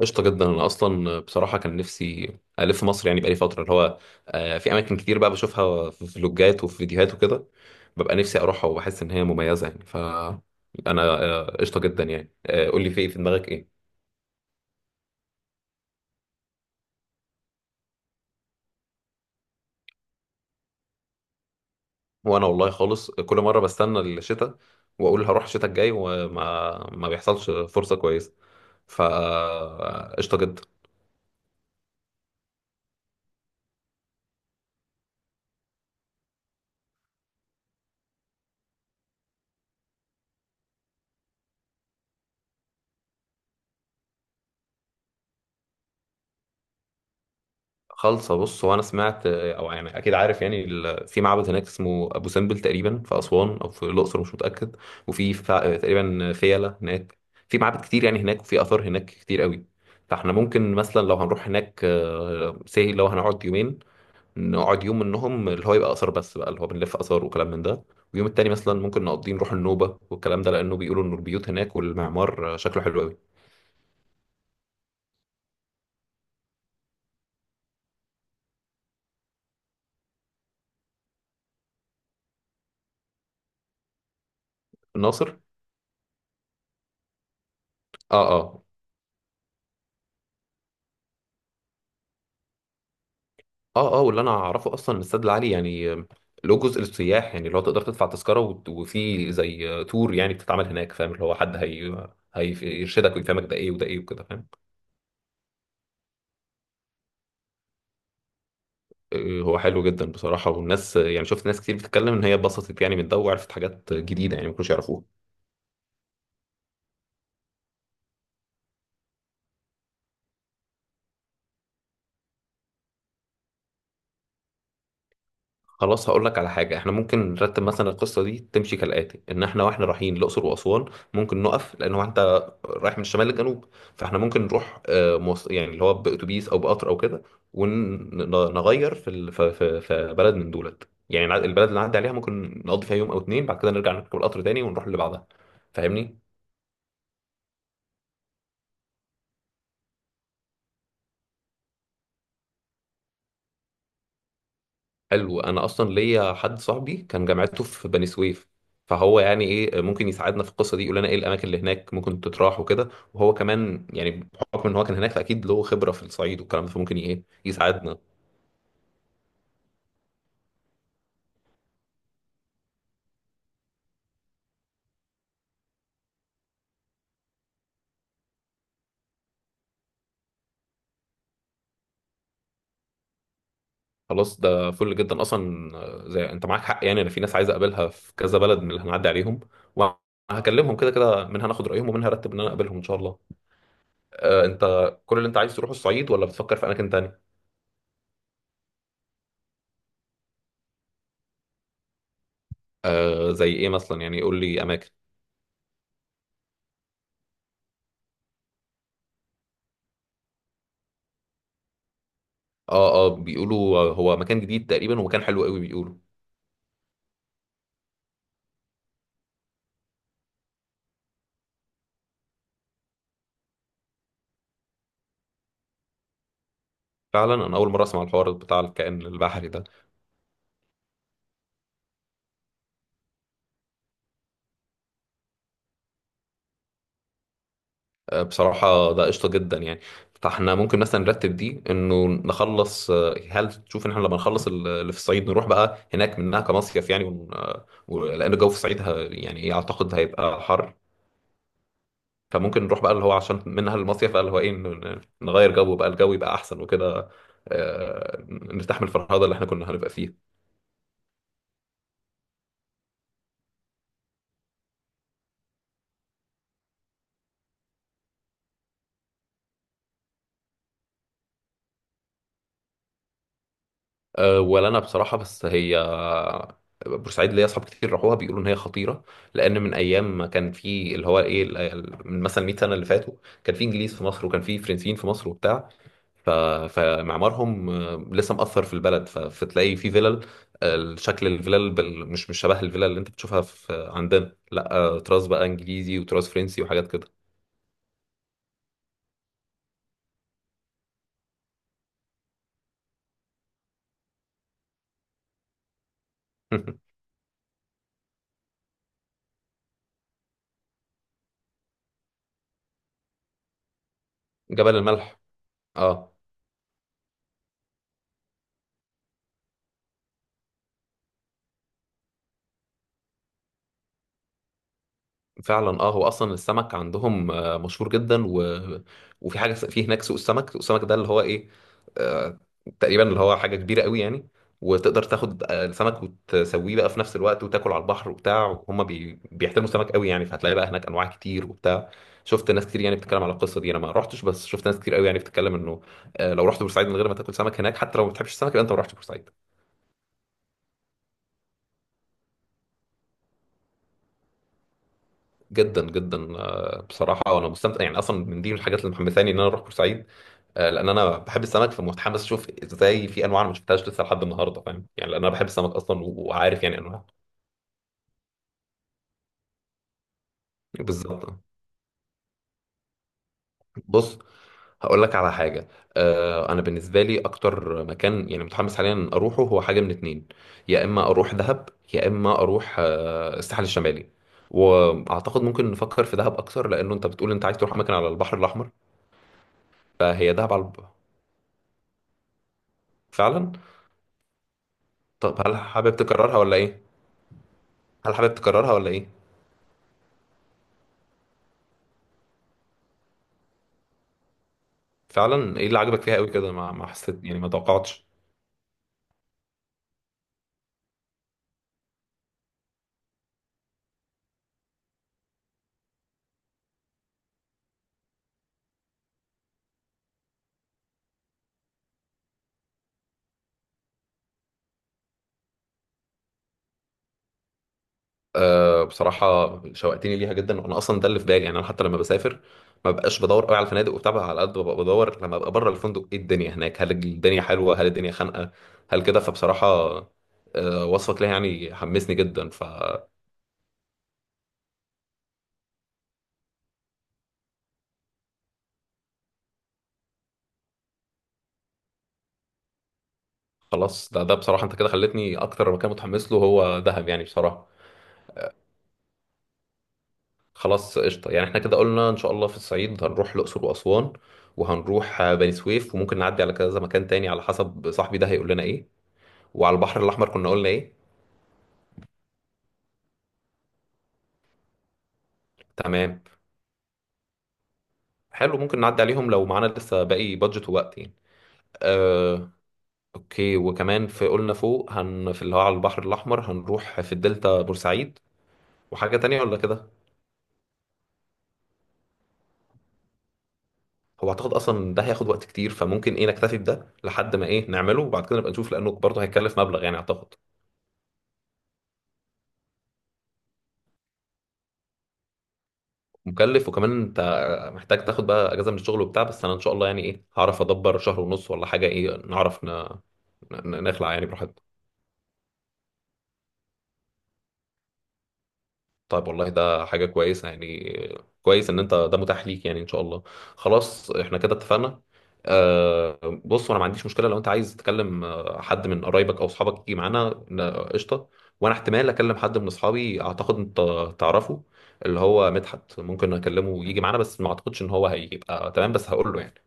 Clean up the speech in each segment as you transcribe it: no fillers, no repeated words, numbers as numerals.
قشطة جدا أنا أصلا بصراحة كان نفسي ألف مصر، يعني بقالي فترة اللي هو في أماكن كتير بقى بشوفها في فلوجات وفي فيديوهات وكده، ببقى نفسي أروحها وبحس إن هي مميزة يعني. فأنا قشطة جدا يعني. قول لي في إيه في دماغك إيه؟ وأنا والله خالص كل مرة بستنى الشتاء وأقول هروح الشتاء الجاي، وما ما بيحصلش فرصة كويسة. فقشطة جدا. خالصه. بص، هو انا سمعت او يعني اكيد عارف، يعني في معبد هناك اسمه ابو سمبل تقريبا في اسوان او في الاقصر، مش متاكد. وفي تقريبا فيلة هناك. في معابد كتير يعني هناك، وفي اثار هناك كتير قوي. فاحنا ممكن مثلا لو هنروح هناك، لو هنقعد يومين، نقعد يوم منهم اللي هو يبقى اثار بس بقى، اللي هو بنلف اثار وكلام من ده. ويوم التاني مثلا ممكن نقضيه نروح النوبه والكلام ده، لانه بيقولوا ان البيوت هناك والمعمار شكله حلو قوي. الناصر. اه، اه. اه، اه، واللي انا اعرفه اصلا الاستاد العالي يعني، له جزء للسياح يعني، لو تقدر تدفع تذكره وفي زي تور يعني بتتعمل هناك، فاهم؟ اللي هو حد هيرشدك ويفهمك ده ايه وده ايه وكده، فاهم؟ هو حلو جدا بصراحه. والناس يعني، شفت ناس كتير بتتكلم ان هي اتبسطت يعني من ده، وعرفت حاجات جديده يعني ما كانوش يعرفوها. خلاص، هقول لك على حاجة. احنا ممكن نرتب مثلا القصة دي تمشي كالآتي: ان احنا واحنا رايحين الأقصر وأسوان، ممكن نقف، لان هو انت رايح من الشمال للجنوب. فاحنا ممكن نروح يعني اللي هو بأتوبيس او بقطر او كده. ونغير في ال- في في في بلد من دولت، يعني البلد اللي نعدي عليها ممكن نقضي فيها يوم او اتنين، بعد كده نرجع نركب القطر تاني ونروح اللي بعدها. فاهمني؟ حلو، انا اصلا ليا حد صاحبي كان جامعته في بني سويف. فهو يعني ايه، ممكن يساعدنا في القصه دي، يقول لنا ايه الاماكن اللي هناك ممكن تتراح وكده. وهو كمان يعني، بحكم ان هو كان هناك فاكيد له خبره في الصعيد والكلام ده، فممكن ايه يساعدنا. خلاص، ده فل جدا اصلا. زي انت معاك حق يعني، انا في ناس عايز اقابلها في كذا بلد من اللي هنعدي عليهم، وهكلمهم كده كده، منها ناخد رايهم ومنها ارتب ان انا اقابلهم ان شاء الله. انت كل اللي انت عايز تروح الصعيد، ولا بتفكر في اماكن تانية؟ زي ايه مثلا؟ يعني قول لي اماكن. اه، اه، بيقولوا هو مكان جديد تقريبا ومكان حلو قوي بيقولوا. فعلا، انا اول مره اسمع الحوار بتاع الكائن البحري ده. بصراحه ده قشطه جدا يعني. فاحنا ممكن مثلا نرتب دي انه نخلص. هل تشوف ان احنا لما نخلص اللي في الصعيد نروح بقى هناك منها كمصيف يعني، لان الجو في الصعيد يعني ايه، اعتقد هيبقى حر. فممكن نروح بقى اللي هو عشان منها المصيف بقى، اللي هو ايه، نغير جو بقى، الجو يبقى احسن وكده. نرتاح من الفرهده اللي احنا كنا هنبقى فيها. ولا انا بصراحه، بس هي بورسعيد ليا اصحاب كتير راحوها بيقولوا ان هي خطيره. لان من ايام ما كان في اللي هو ايه من مثلا 100 سنه اللي فاتوا، كان في انجليز في مصر وكان في فرنسيين في مصر وبتاع. ف... فمعمارهم لسه مأثر في البلد. فتلاقي في فيلل. شكل الفيلل مش شبه الفيلل اللي انت بتشوفها في عندنا، لا، تراث بقى انجليزي وتراث فرنسي وحاجات كده. جبل الملح. اه. فعلا، اه، هو اصلا السمك عندهم مشهور جدا وفي حاجه في هناك سوق السمك، سوق السمك ده اللي هو ايه، آه، تقريبا اللي هو حاجه كبيره قوي يعني. وتقدر تاخد السمك وتسويه بقى في نفس الوقت وتاكل على البحر وبتاع. هم بيحترموا السمك قوي يعني، فهتلاقي بقى هناك انواع كتير وبتاع. شفت ناس كتير يعني بتتكلم على القصه دي، انا ما رحتش، بس شفت ناس كتير قوي يعني بتتكلم انه لو رحت بورسعيد من غير ما تاكل سمك هناك، حتى لو ما بتحبش السمك، يبقى انت ما رحتش بورسعيد. جدا جدا، بصراحه انا مستمتع يعني، اصلا من دي من الحاجات اللي محمساني ان انا اروح بورسعيد. لان انا بحب السمك، فمتحمس اشوف ازاي في انواع انا ما شفتهاش لسه لحد النهارده، فاهم يعني؟ لان انا بحب السمك اصلا، وعارف يعني انواع. بالظبط. بص، هقول لك على حاجه. انا بالنسبه لي اكتر مكان يعني متحمس حاليا اروحه، هو حاجه من اتنين. يا اما اروح دهب، يا اما اروح الساحل الشمالي. واعتقد ممكن نفكر في دهب اكتر، لانه انت بتقول انت عايز تروح اماكن على البحر الاحمر. فهي دهب على فعلا. طب هل حابب تكررها ولا ايه؟ فعلا، ايه اللي عجبك فيها قوي كده؟ ما حسيت يعني، ما توقعتش. بصراحه، شوقتني ليها جدا. وانا اصلا ده اللي في بالي يعني، انا حتى لما بسافر، ما بقاش بدور قوي على الفنادق وبتاع، بقى على قد ما ببقى بدور لما ابقى بره الفندق ايه الدنيا هناك، هل الدنيا حلوه، هل الدنيا خانقه، هل كده. فبصراحه، وصفك ليها يعني حمسني جدا، فخلاص. ده بصراحه، انت كده خلتني اكتر مكان متحمس له هو دهب يعني بصراحه. خلاص، قشطة يعني. احنا كده قلنا ان شاء الله في الصعيد هنروح الأقصر وأسوان. وهنروح بني سويف، وممكن نعدي على كذا مكان تاني على حسب صاحبي ده هيقول لنا ايه. وعلى البحر الأحمر كنا قلنا ايه؟ تمام. حلو، ممكن نعدي عليهم لو معانا لسه باقي بادجت ووقت يعني. آه، اوكي. وكمان في قلنا فوق في اللي هو على البحر الأحمر هنروح، في الدلتا بورسعيد. وحاجة تانية ولا كده؟ هو اعتقد اصلا ده هياخد وقت كتير، فممكن ايه نكتفي بده لحد ما ايه نعمله، وبعد كده نبقى نشوف، لانه برضه هيكلف مبلغ يعني اعتقد. مكلف، وكمان انت محتاج تاخد بقى اجازه من الشغل وبتاع، بس انا ان شاء الله يعني ايه، هعرف ادبر شهر ونص ولا حاجه، ايه نعرف نخلع يعني براحتنا. طيب، والله ده حاجه كويسه يعني. كويس ان انت ده متاح ليك يعني، ان شاء الله. خلاص، احنا كده اتفقنا. بص، انا ما عنديش مشكله لو انت عايز تكلم حد من قرايبك او اصحابك يجي معانا، قشطه. وانا احتمال اكلم حد من اصحابي، اعتقد انت تعرفه، اللي هو مدحت، ممكن اكلمه يجي معانا، بس ما اعتقدش ان هو هيبقى تمام، بس هقول له يعني.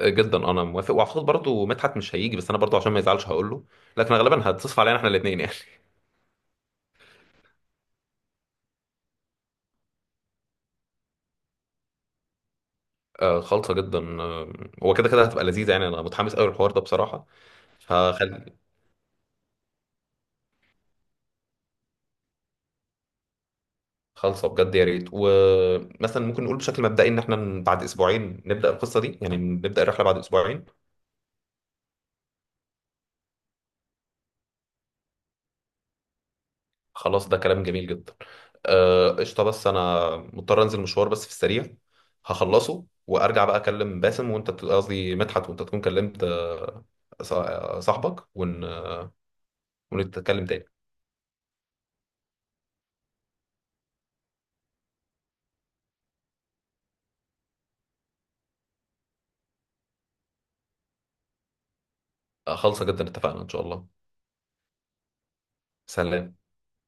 جدا. انا موافق، واعتقد برضو مدحت مش هيجي، بس انا برضو عشان ما يزعلش هقول له، لكن غالبا هتصف علينا احنا الاثنين يعني. آه، خالصه جدا، آه. هو كده كده هتبقى لذيذه يعني، انا متحمس قوي للحوار ده بصراحه. فخل خالصه بجد، يا ريت. ومثلا ممكن نقول بشكل مبدئي ان احنا بعد اسبوعين نبدا القصه دي، يعني نبدا الرحله بعد اسبوعين. خلاص، ده كلام جميل جدا. قشطه، بس انا مضطر انزل مشوار بس في السريع. هخلصه وارجع بقى اكلم باسم، وانت قصدي مدحت، وانت تكون كلمت صاحبك، ونتكلم تاني. خالصة جدا، اتفقنا ان شاء الله. سلام.